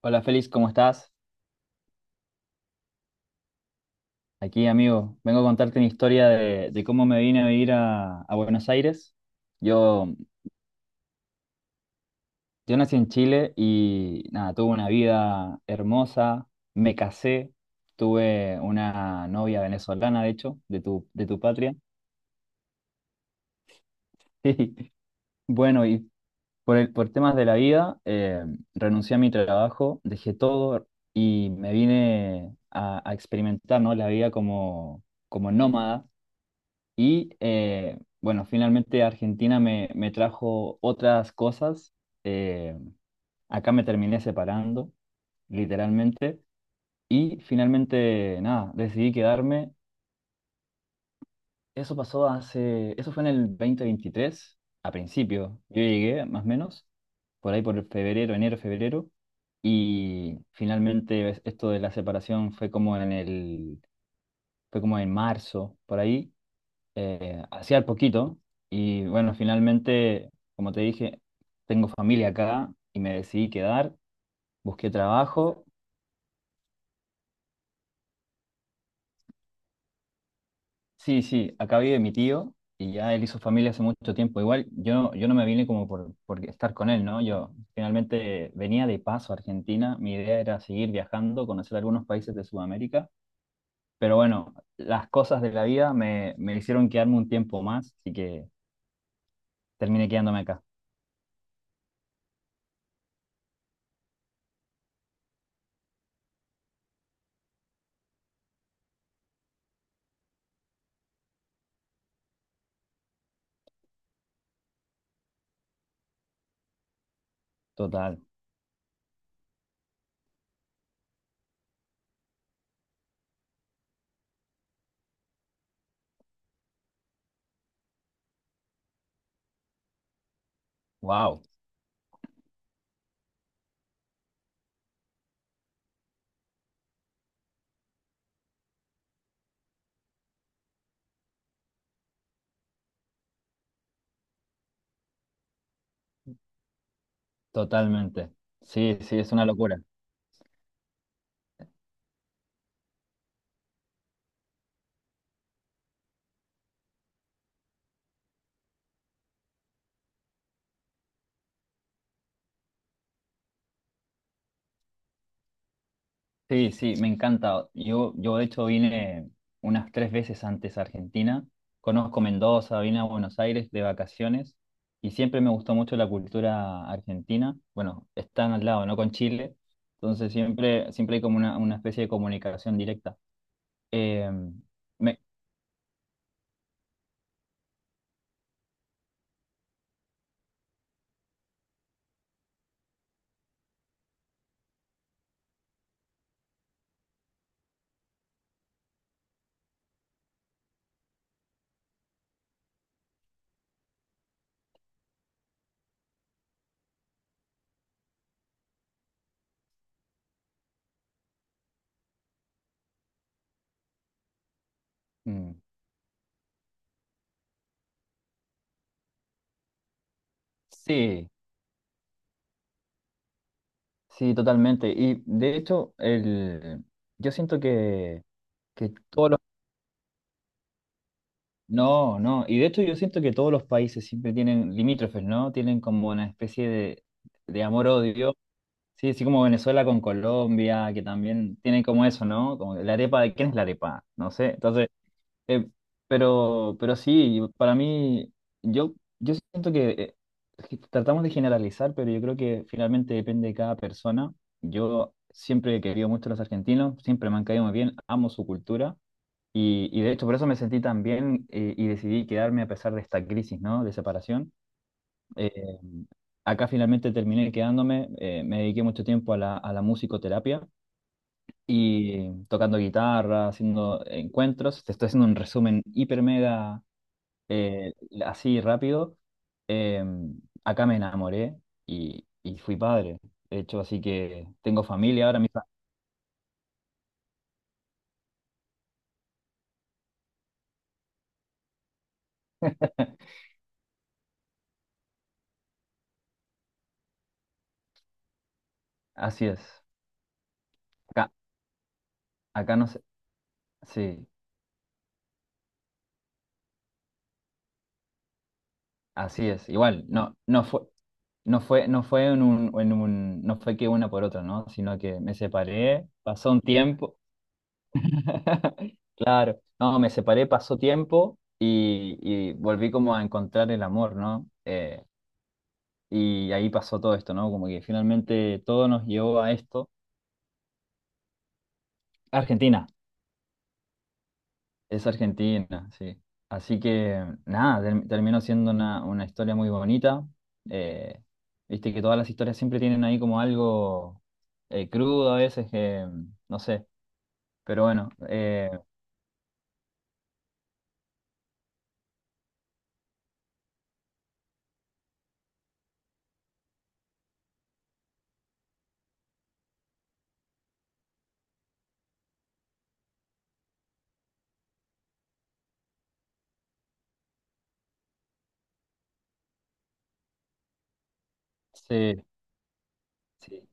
Hola Félix, ¿cómo estás? Aquí, amigo. Vengo a contarte mi historia de cómo me vine a vivir a Buenos Aires. Yo, yo nací en Chile y nada, tuve una vida hermosa, me casé, tuve una novia venezolana, de hecho, de tu patria. Bueno, y por temas de la vida, renuncié a mi trabajo, dejé todo y me vine a experimentar, ¿no? La vida como, como nómada. Bueno, finalmente Argentina me trajo otras cosas. eh, Acá me terminé separando, literalmente. Y finalmente, nada, decidí quedarme. Eso pasó hace, eso fue en el 2023, a principio. Yo llegué, más o menos, por ahí por febrero, enero, febrero. Y finalmente esto de la separación fue como fue como en marzo, por ahí. Hacía al poquito y bueno, finalmente, como te dije, tengo familia acá y me decidí quedar, busqué trabajo. Sí, sí, acá vive mi tío y ya él hizo familia hace mucho tiempo. Igual yo no me vine como por estar con él, ¿no? Yo finalmente venía de paso a Argentina, mi idea era seguir viajando, conocer algunos países de Sudamérica, pero bueno, las cosas de la vida me hicieron quedarme un tiempo más, así que terminé quedándome acá. Total. Wow. Totalmente. Sí, sí, es una locura. Sí, sí, me encanta. Yo de hecho vine unas tres veces antes a Argentina. Conozco Mendoza, vine a Buenos Aires de vacaciones y siempre me gustó mucho la cultura argentina. Bueno, están al lado, ¿no? Con Chile. Entonces siempre, siempre hay como una especie de comunicación directa. Eh, me- mm, sí, sí, totalmente. Y de hecho, yo siento que todos los No, no. Y de hecho yo siento que todos los países siempre tienen limítrofes, ¿no? Tienen como una especie de amor-odio. Sí, así como Venezuela con Colombia, que también tienen como eso, ¿no? Como la arepa, de quién es la arepa, no sé. Entonces, eh, pero sí, para mí, yo, yo siento que es que tratamos de generalizar, pero yo creo que finalmente depende de cada persona. Yo siempre he querido mucho a los argentinos, siempre me han caído muy bien, amo su cultura. Y de hecho por eso me sentí tan bien, y decidí quedarme a pesar de esta crisis, ¿no? De separación. Eh, Acá finalmente terminé quedándome, me dediqué mucho tiempo a a la musicoterapia y tocando guitarra, haciendo encuentros. Te estoy haciendo un resumen hiper mega, eh, así rápido. Eh, Acá me enamoré y fui padre, de hecho, así que tengo familia ahora, mi así es. Acá, acá no sé, sí. Así es, igual, no fue en no fue que una por otra, ¿no? Sino que me separé, pasó un tiempo, claro, no, me separé, pasó tiempo y volví como a encontrar el amor, ¿no? Y ahí pasó todo esto, ¿no? Como que finalmente todo nos llevó a esto. Argentina. Es Argentina, sí. Así que nada, terminó siendo una historia muy bonita. Eh, Viste que todas las historias siempre tienen ahí como algo, crudo a veces, que no sé, pero bueno, sí, sí.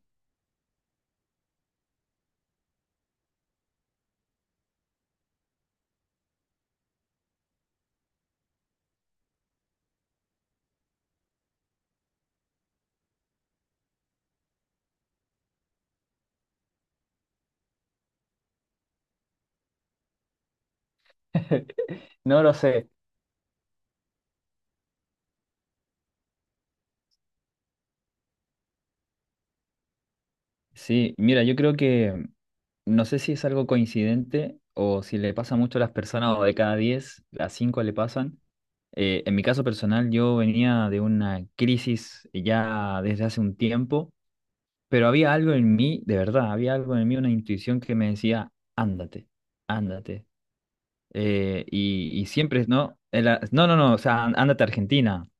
No lo sé. Sí, mira, yo creo que no sé si es algo coincidente o si le pasa mucho a las personas o de cada 10 a 5 le pasan. En mi caso personal, yo venía de una crisis ya desde hace un tiempo. Pero había algo en mí, de verdad, había algo en mí, una intuición que me decía, ándate, ándate. Y siempre, no, o sea, ándate a Argentina.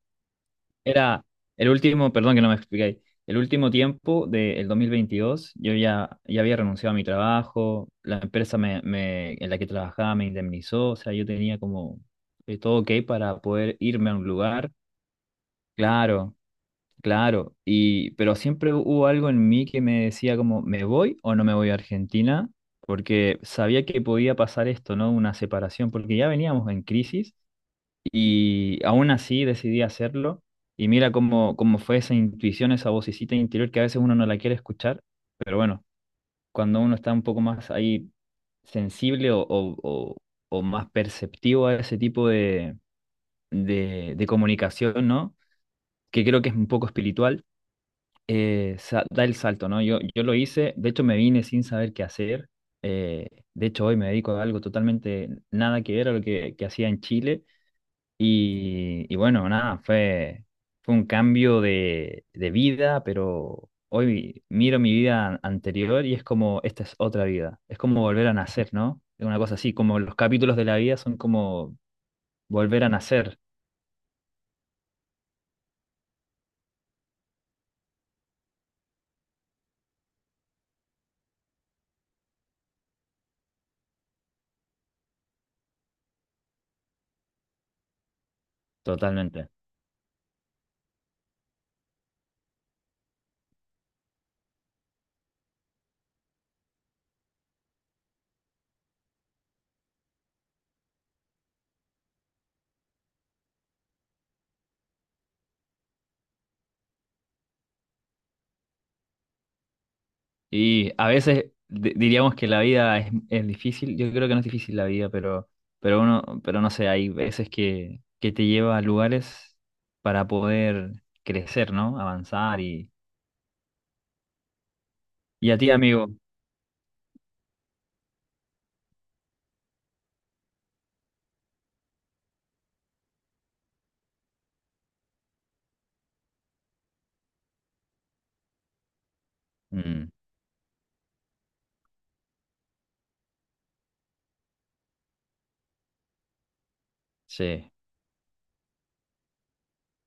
Era el último, perdón que no me expliqué, el último tiempo del 2022, ya había renunciado a mi trabajo, la empresa en la que trabajaba me indemnizó, o sea, yo tenía como, todo ok para poder irme a un lugar. Claro, claro, y pero siempre hubo algo en mí que me decía como, ¿me voy o no me voy a Argentina? Porque sabía que podía pasar esto, ¿no? Una separación, porque ya veníamos en crisis y aún así decidí hacerlo. Y mira cómo, cómo fue esa intuición, esa vocecita interior que a veces uno no la quiere escuchar, pero bueno, cuando uno está un poco más ahí sensible o más perceptivo a ese tipo de, de comunicación, ¿no? Que creo que es un poco espiritual, da el salto, ¿no? Yo lo hice, de hecho me vine sin saber qué hacer, eh, de hecho hoy me dedico a algo totalmente nada que ver a lo que hacía en Chile y bueno, nada, fue un cambio de vida, pero hoy miro mi vida anterior y es como, esta es otra vida, es como volver a nacer, ¿no? Es una cosa así, como los capítulos de la vida son como volver a nacer totalmente. Y a veces diríamos que la vida es difícil. Yo creo que no es difícil la vida, pero no sé, hay veces que te lleva a lugares para poder crecer, ¿no? Avanzar y a ti, amigo. Mm, sí,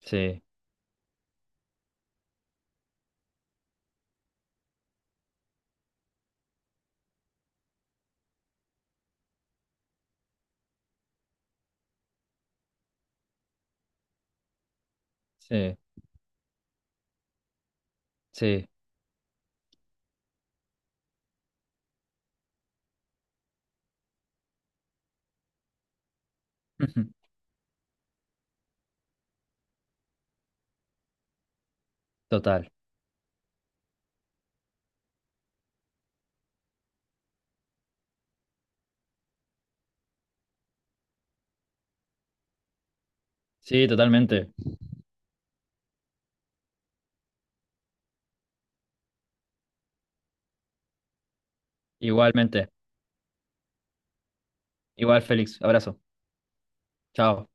sí, sí, sí. Total. Sí, totalmente. Igualmente. Igual, Félix. Abrazo. Chao.